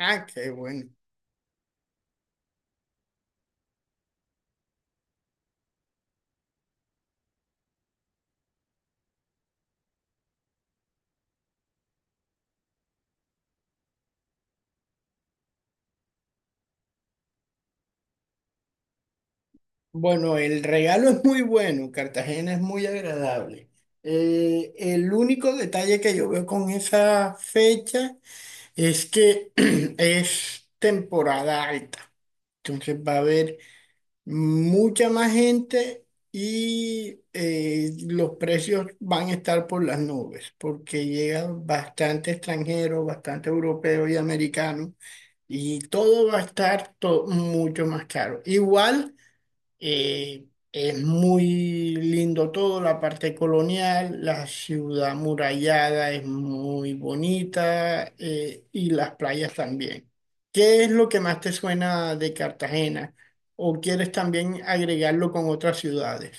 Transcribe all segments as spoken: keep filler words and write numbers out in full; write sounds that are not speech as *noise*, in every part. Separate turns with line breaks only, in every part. Ah, qué bueno. Bueno, el regalo es muy bueno, Cartagena es muy agradable. Eh, el único detalle que yo veo con esa fecha es que *clears throat* es temporada alta. Entonces va a haber mucha más gente y eh, los precios van a estar por las nubes, porque llegan bastante extranjeros, bastante europeos y americanos y todo va a estar to- mucho más caro. Igual. Eh, es muy lindo todo, la parte colonial, la ciudad amurallada es muy bonita eh, y las playas también. ¿Qué es lo que más te suena de Cartagena? ¿O quieres también agregarlo con otras ciudades?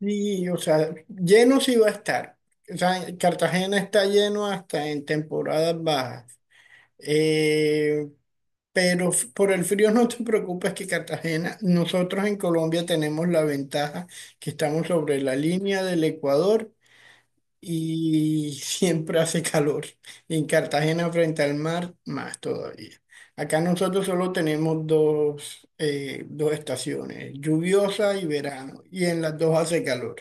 Sí, o sea, lleno sí va a estar. O sea, Cartagena está lleno hasta en temporadas bajas. Eh, Pero f- por el frío no te preocupes, que Cartagena, nosotros en Colombia tenemos la ventaja que estamos sobre la línea del Ecuador y *laughs* siempre hace calor. Y en Cartagena frente al mar, más todavía. Acá nosotros solo tenemos dos, eh, dos estaciones, lluviosa y verano, y en las dos hace calor.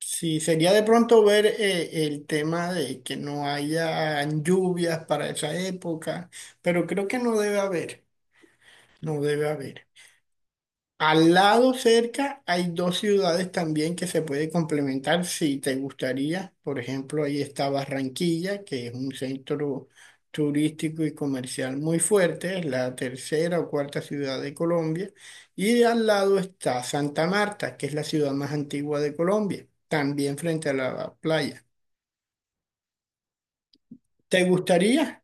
Sí, sería de pronto ver eh, el tema de que no haya lluvias para esa época, pero creo que no debe haber, no debe haber. Al lado cerca hay dos ciudades también que se puede complementar si te gustaría. Por ejemplo, ahí está Barranquilla, que es un centro turístico y comercial muy fuerte, es la tercera o cuarta ciudad de Colombia. Y al lado está Santa Marta, que es la ciudad más antigua de Colombia, también frente a la playa. ¿Te gustaría?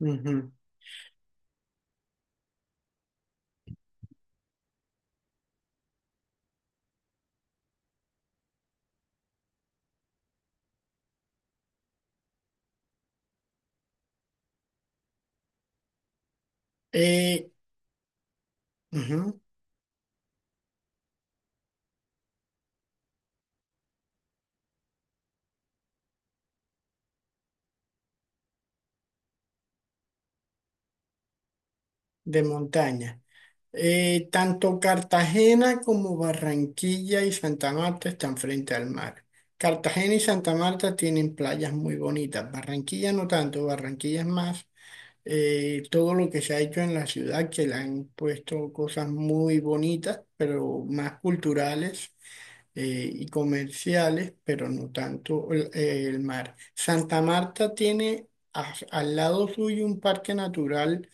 Ujú. Eh, ujú. De montaña. Eh, tanto Cartagena como Barranquilla y Santa Marta están frente al mar. Cartagena y Santa Marta tienen playas muy bonitas. Barranquilla no tanto, Barranquilla es más eh, todo lo que se ha hecho en la ciudad, que le han puesto cosas muy bonitas, pero más culturales eh, y comerciales, pero no tanto el, eh, el mar. Santa Marta tiene a- al lado suyo un parque natural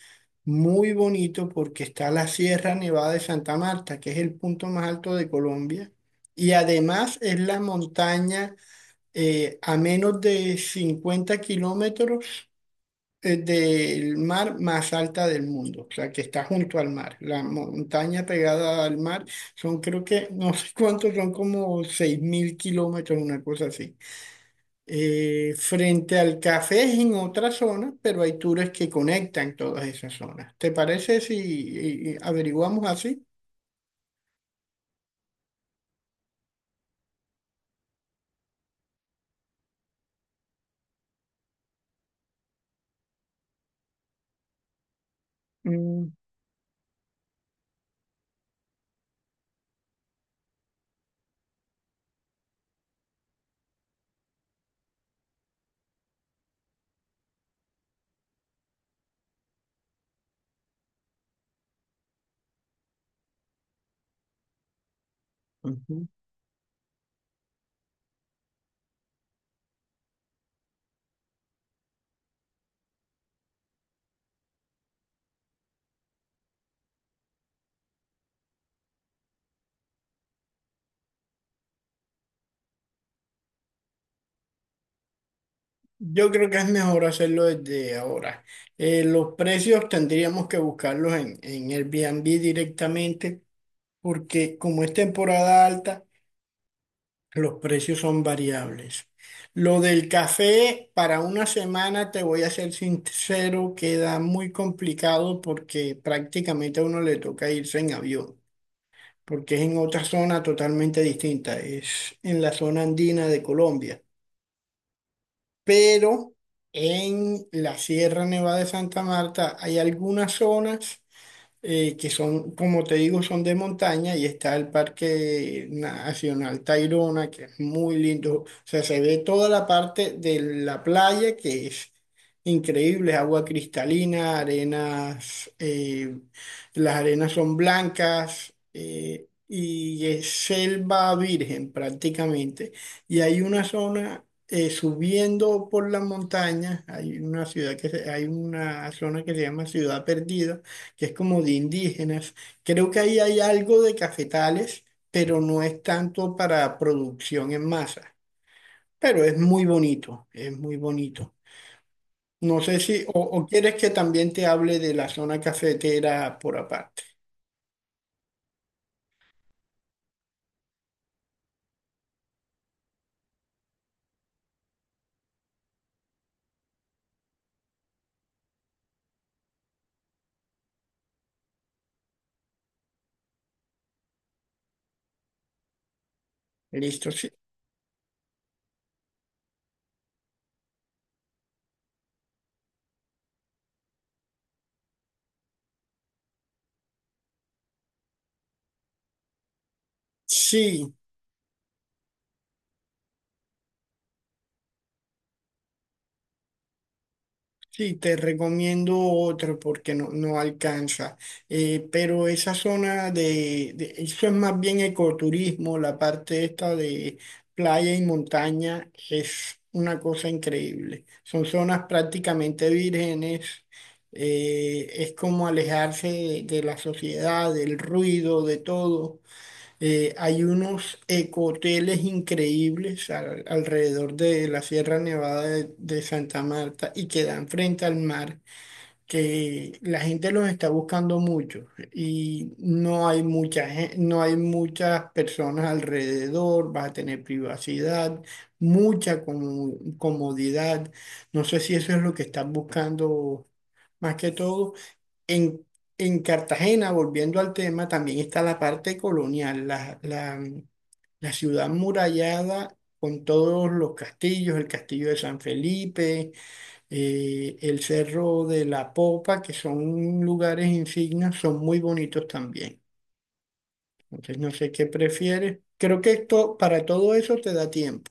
muy bonito porque está la Sierra Nevada de Santa Marta, que es el punto más alto de Colombia, y además es la montaña eh, a menos de cincuenta kilómetros eh, del mar más alta del mundo, o sea, que está junto al mar. La montaña pegada al mar son, creo que, no sé cuántos, son como seis mil kilómetros, una cosa así. Eh, frente al café es en otra zona, pero hay tours que conectan todas esas zonas. ¿Te parece si eh, averiguamos así? Mm, ujú. Yo creo que es mejor hacerlo desde ahora. Eh, los precios tendríamos que buscarlos en, en Airbnb directamente porque como es temporada alta, los precios son variables. Lo del café, para una semana, te voy a ser sincero, queda muy complicado porque prácticamente a uno le toca irse en avión, porque es en otra zona totalmente distinta, es en la zona andina de Colombia. Pero en la Sierra Nevada de Santa Marta hay algunas zonas eh, que son, como te digo, son de montaña y está el Parque Nacional Tayrona, que es muy lindo. O sea, se ve toda la parte de la playa, que es increíble, es agua cristalina, arenas, eh, las arenas son blancas. eh, Y es selva virgen prácticamente. Y hay una zona eh, subiendo por la montaña, hay una ciudad que se- hay una zona que se llama Ciudad Perdida, que es como de indígenas. Creo que ahí hay algo de cafetales, pero no es tanto para producción en masa. Pero es muy bonito, es muy bonito. No sé si, o, o quieres que también te hable de la zona cafetera por aparte. Listo, sí. Sí, sí, te recomiendo otro porque no, no alcanza. Eh, pero esa zona de, de- eso es más bien ecoturismo, la parte esta de playa y montaña es una cosa increíble. Son zonas prácticamente vírgenes, eh, es como alejarse de de la sociedad, del ruido, de todo. Eh, hay unos ecoteles increíbles al- alrededor de la Sierra Nevada de, de Santa Marta y que dan frente al mar, que la gente los está buscando mucho y no hay mucha, gen- no hay muchas personas alrededor, vas a tener privacidad, mucha comu- comodidad. No sé si eso es lo que estás buscando más que todo. En, en Cartagena, volviendo al tema, también está la parte colonial, la, la, la ciudad murallada con todos los castillos, el castillo de San Felipe, eh, el Cerro de la Popa, que son lugares insignias, son muy bonitos también. Entonces, no sé qué prefieres. Creo que esto, para todo eso te da tiempo.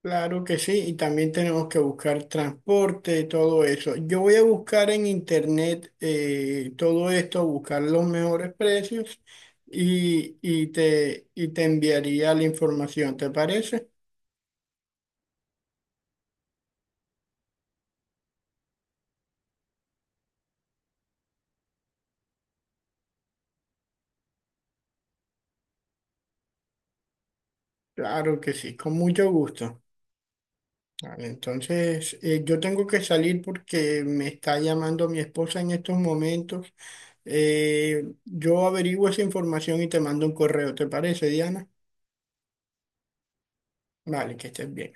Claro que sí, y también tenemos que buscar transporte, todo eso. Yo voy a buscar en internet eh, todo esto, buscar los mejores precios y, y te, y te enviaría la información, ¿te parece? Claro que sí, con mucho gusto. Vale, entonces, eh, yo tengo que salir porque me está llamando mi esposa en estos momentos. Eh, yo averiguo esa información y te mando un correo, ¿te parece, Diana? Vale, que estés bien.